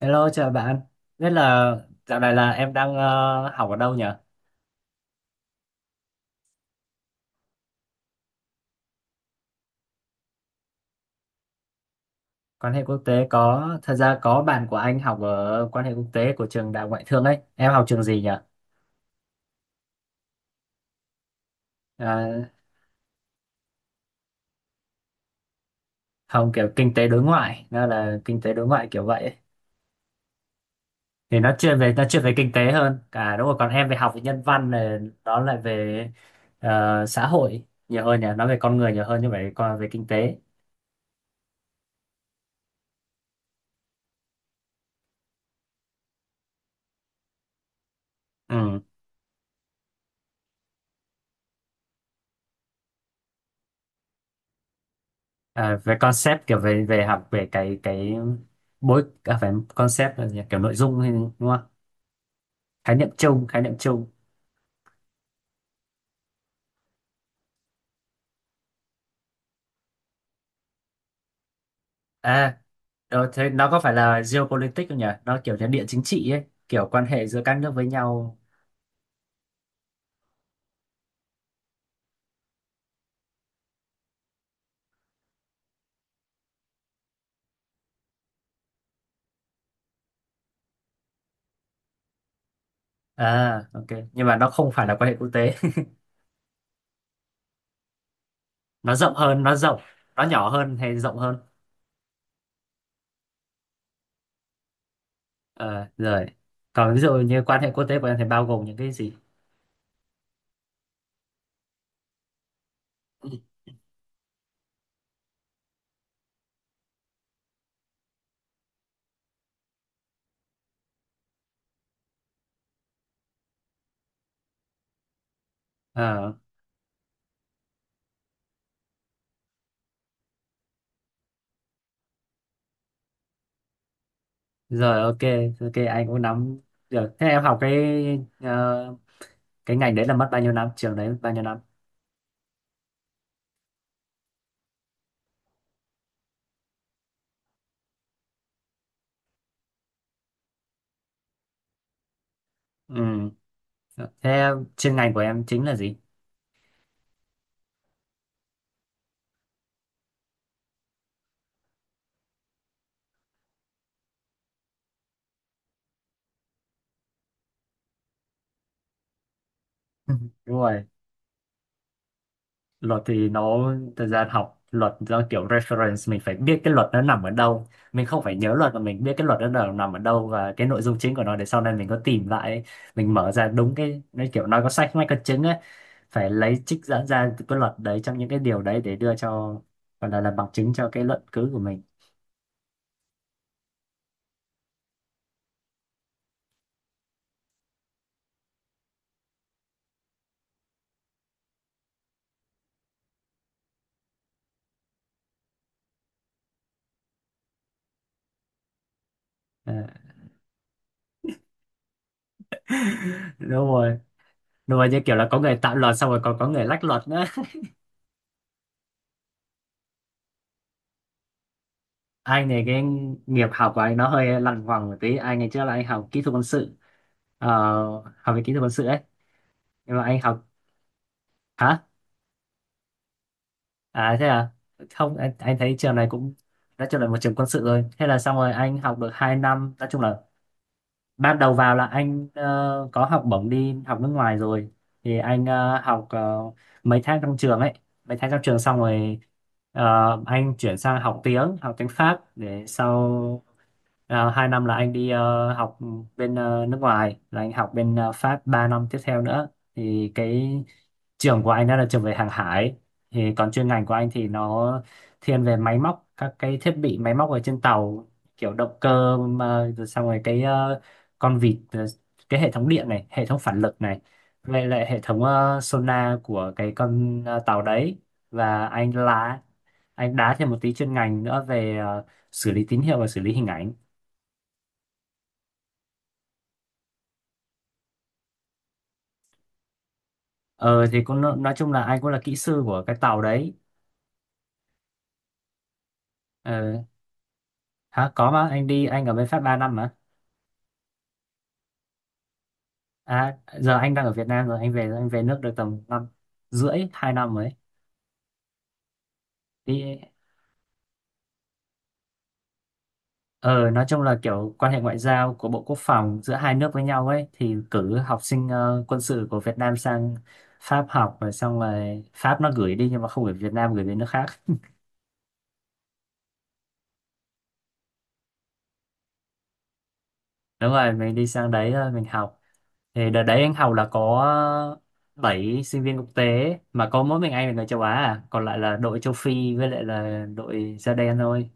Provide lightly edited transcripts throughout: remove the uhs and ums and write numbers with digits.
Hello, chào bạn. Biết là dạo này là em đang học ở đâu nhỉ? Quan hệ quốc tế có, thật ra có bạn của anh học ở quan hệ quốc tế của trường Đại học Ngoại thương ấy. Em học trường gì nhỉ? À, không kiểu kinh tế đối ngoại, nó là kinh tế đối ngoại kiểu vậy ấy. Thì nó chuyên về kinh tế hơn. Cả đúng rồi, còn em về học về nhân văn này, nó lại về xã hội nhiều hơn nhỉ, nó về con người nhiều hơn như vậy, còn về kinh tế. Ừ. À, về concept, kiểu về về học về cái bối à, phải concept là gì? Kiểu nội dung hay đúng không? Khái niệm chung, khái niệm chung. À, rồi thế nó có phải là geopolitics không nhỉ? Nó kiểu như địa chính trị ấy, kiểu quan hệ giữa các nước với nhau. À, ok. Nhưng mà nó không phải là quan hệ quốc tế. Nó rộng hơn, nó rộng, nó nhỏ hơn hay rộng hơn? Ờ, rồi. Còn ví dụ như quan hệ quốc tế của em thì bao gồm những cái gì? Ờ, rồi ok, ok anh cũng nắm được. Thế em học ờ, cái ngành đấy là mất bao nhiêu năm, trường đấy mất bao nhiêu năm? Ừ. Thế chuyên ngành của em chính là gì? Đúng rồi, luật thì nó thời gian học luật do kiểu reference mình phải biết cái luật nó nằm ở đâu, mình không phải nhớ luật mà mình biết cái luật nó nằm ở đâu và cái nội dung chính của nó để sau này mình có tìm lại ấy. Mình mở ra đúng cái, nó kiểu nói có sách mách có chứng ấy, phải lấy trích dẫn ra từ cái luật đấy trong những cái điều đấy để đưa cho, gọi là bằng chứng cho cái luận cứ của mình. Ờ. Đúng rồi, đúng rồi, như kiểu là có người tạo luật xong rồi còn có người lách luật. Anh này cái nghiệp học của anh nó hơi lằng ngoằng một tí, anh ngày trước là anh học kỹ thuật quân sự, ờ, học về kỹ thuật quân sự ấy. Nhưng mà anh học, hả? À thế à. Không anh thấy trường này cũng nói chung là một trường quân sự rồi, thế là xong rồi anh học được 2 năm. Nói chung là ban đầu vào là anh có học bổng đi học nước ngoài rồi. Thì anh học mấy tháng trong trường ấy, mấy tháng trong trường xong rồi, ờ, anh chuyển sang học tiếng Pháp để sau. À, hai năm là anh đi học bên nước ngoài, là anh học bên Pháp 3 năm tiếp theo nữa. Thì cái trường của anh đó là trường về hàng hải, thì còn chuyên ngành của anh thì nó thiên về máy móc, các cái thiết bị máy móc ở trên tàu, kiểu động cơ, mà rồi xong rồi cái con vịt, cái hệ thống điện này, hệ thống phản lực này, vậy lại hệ thống sonar của cái con tàu đấy. Và anh lá, anh đá thêm một tí chuyên ngành nữa về xử lý tín hiệu và xử lý hình ảnh. Ờ thì cũng nói chung là anh cũng là kỹ sư của cái tàu đấy. Ờ, hả? Có mà anh đi, anh ở bên Pháp 3 năm mà. À giờ anh đang ở Việt Nam rồi, anh về nước được tầm năm rưỡi, 2 năm rồi ấy. Đi, ờ nói chung là kiểu quan hệ ngoại giao của Bộ Quốc phòng giữa hai nước với nhau ấy, thì cử học sinh quân sự của Việt Nam sang Pháp học, rồi xong rồi Pháp nó gửi đi nhưng mà không gửi Việt Nam gửi về nước khác. Đúng rồi, mình đi sang đấy mình học. Thì đợt đấy anh học là có 7 sinh viên quốc tế mà có mỗi mình anh là người châu Á à. Còn lại là đội châu Phi với lại là đội da đen thôi.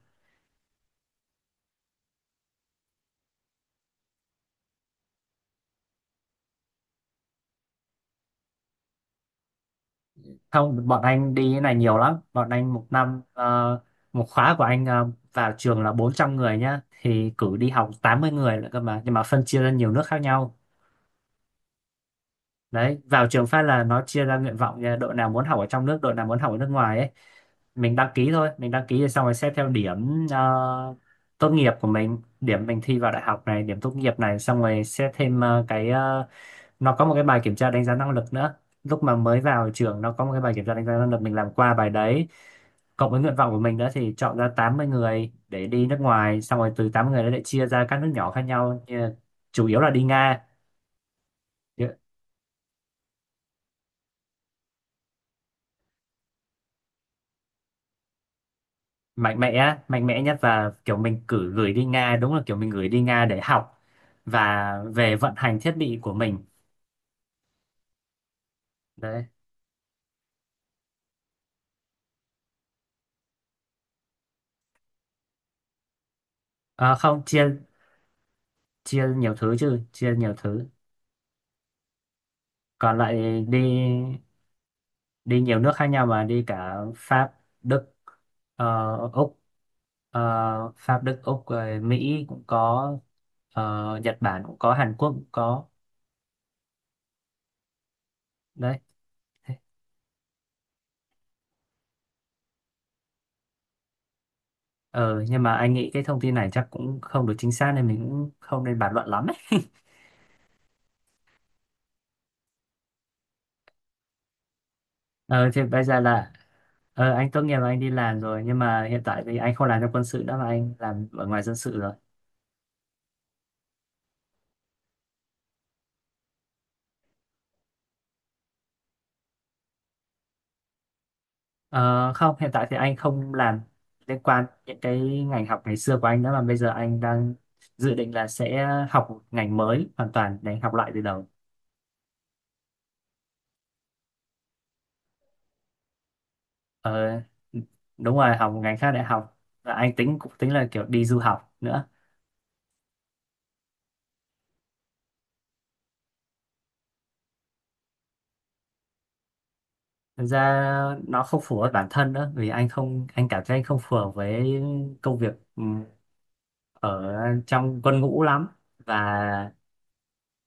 Không, bọn anh đi cái này nhiều lắm, bọn anh một năm, một khóa của anh, vào trường là 400 người nhá, thì cử đi học 80 người nữa cơ mà, nhưng mà phân chia ra nhiều nước khác nhau. Đấy vào trường phát là nó chia ra nguyện vọng nha, đội nào muốn học ở trong nước, đội nào muốn học ở nước ngoài ấy. Mình đăng ký thôi, mình đăng ký rồi xong rồi xét theo điểm tốt nghiệp của mình, điểm mình thi vào đại học này, điểm tốt nghiệp này, xong rồi xét thêm nó có một cái bài kiểm tra đánh giá năng lực nữa, lúc mà mới vào trường nó có một cái bài kiểm tra đánh giá năng lực, mình làm qua bài đấy cộng với nguyện vọng của mình đó thì chọn ra 80 người để đi nước ngoài, xong rồi từ 80 người đó lại chia ra các nước nhỏ khác nhau là chủ yếu là đi Nga. Mạnh mẽ mạnh mẽ nhất, và kiểu mình cử gửi đi Nga, đúng là kiểu mình gửi đi Nga để học và về vận hành thiết bị của mình đấy. À, không chia chia nhiều thứ chứ, chia nhiều thứ Còn lại đi đi nhiều nước khác nhau, mà đi cả Pháp, Đức, Úc, ờ, Pháp, Đức, Úc rồi Mỹ cũng có, Nhật Bản cũng có, Hàn Quốc cũng có đấy. Thế- ờ nhưng mà anh nghĩ cái thông tin này chắc cũng không được chính xác nên mình cũng không nên bàn luận lắm. Ờ, thì bây giờ là anh tốt nghiệp và anh đi làm rồi, nhưng mà hiện tại thì anh không làm trong quân sự nữa mà anh làm ở ngoài dân sự rồi. Ờ, không, hiện tại thì anh không làm liên quan những cái ngành học ngày xưa của anh nữa, mà bây giờ anh đang dự định là sẽ học một ngành mới hoàn toàn để học lại từ đầu. Ờ, đúng rồi, học một ngành khác đại học, và anh tính, cũng tính là kiểu đi du học nữa. Thực ra nó không phù hợp với bản thân nữa, vì anh cảm thấy anh không phù hợp với công việc ở trong quân ngũ lắm, và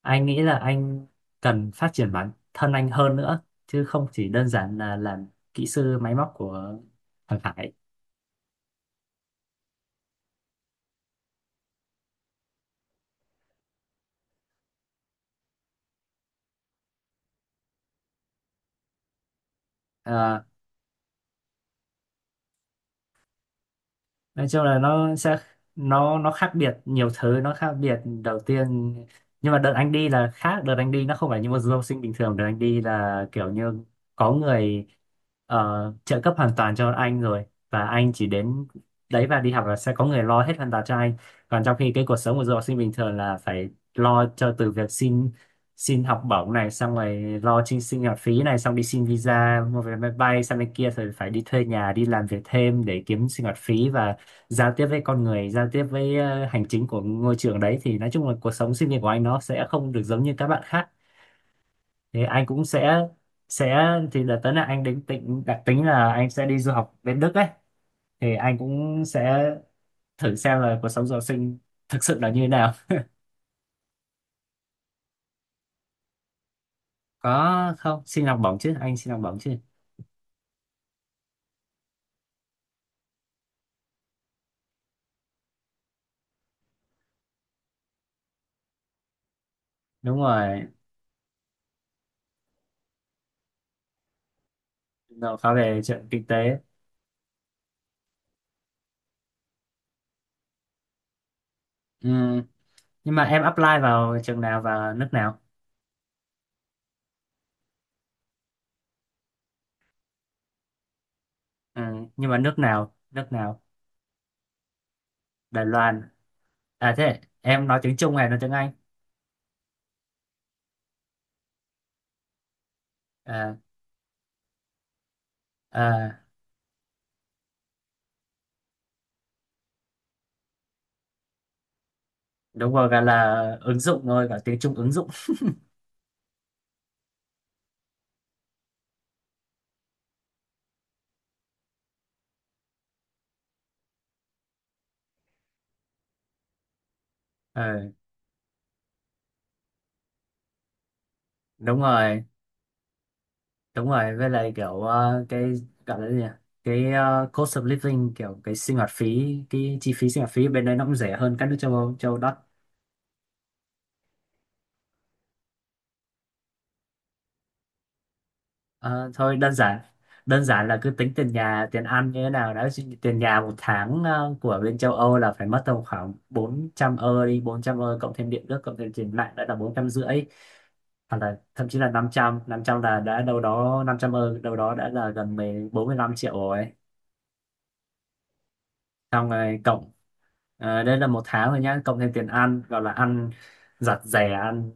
anh nghĩ là anh cần phát triển bản thân anh hơn nữa chứ không chỉ đơn giản là làm kỹ sư máy móc của thằng Khải. Ờ, nói chung là nó sẽ nó khác biệt nhiều thứ, nó khác biệt đầu tiên, nhưng mà đợt anh đi là khác, đợt anh đi nó không phải như một du học sinh bình thường, đợt anh đi là kiểu như có người trợ cấp hoàn toàn cho anh rồi, và anh chỉ đến đấy và đi học là sẽ có người lo hết hoàn toàn cho anh. Còn trong khi cái cuộc sống của du học sinh bình thường là phải lo cho từ việc xin xin học bổng này, xong rồi lo chi sinh hoạt phí này, xong đi xin visa, mua vé máy bay sang bên kia rồi phải đi thuê nhà, đi làm việc thêm để kiếm sinh hoạt phí, và giao tiếp với con người, giao tiếp với hành chính của ngôi trường đấy, thì nói chung là cuộc sống sinh viên của anh nó sẽ không được giống như các bạn khác. Thì anh cũng sẽ thì đợt tới là anh định tính đặc tính là anh sẽ đi du học bên Đức ấy, thì anh cũng sẽ thử xem là cuộc sống du học sinh thực sự là như thế nào. Có không, xin học bổng chứ, anh xin học bổng chứ. Đúng rồi, nó khá về chuyện kinh tế. Ừ. Nhưng mà em apply vào trường nào và nước nào? Ừ. Nhưng mà nước nào, nước nào? Đài Loan. À thế em nói tiếng Trung hay nói tiếng Anh? À, à, đúng rồi, gọi là ứng dụng thôi, gọi tiếng Trung ứng dụng. Ờ, đúng rồi, đúng rồi. Với lại kiểu cái gọi là gì nhỉ? Cái cost of living, kiểu cái sinh hoạt phí, cái chi phí sinh hoạt phí bên đấy nó cũng rẻ hơn các nước châu Âu đất. Ờ, thôi đơn giản là cứ tính tiền nhà, tiền ăn như thế nào đó. Chứ tiền nhà một tháng của bên châu Âu là phải mất tầm khoảng 400 ơ đi, 400 ơ cộng thêm điện nước cộng thêm tiền mạng đã là 450, hoặc là thậm chí là 500, 500 là đã đâu đó, 500 ơ đâu đó đã là gần mười, bốn mươi, 45 triệu rồi, xong rồi cộng, đây là một tháng rồi nhá, cộng thêm tiền ăn, gọi là ăn giặt rẻ, ăn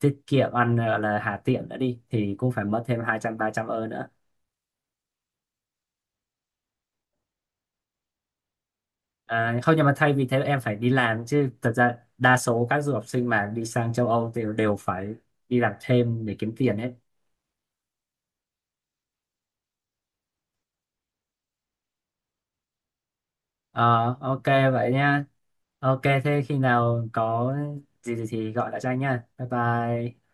tiết kiệm, ăn là hà tiện đã đi, thì cũng phải mất thêm hai trăm, ba trăm ơ nữa. À, không, nhưng mà thay vì thế em phải đi làm chứ, thật ra đa số các du học sinh mà đi sang châu Âu thì đều phải đi làm thêm để kiếm tiền hết. Ờ, ok vậy nha. Ok, thế khi nào có gì thì gọi lại cho anh nha. Bye bye.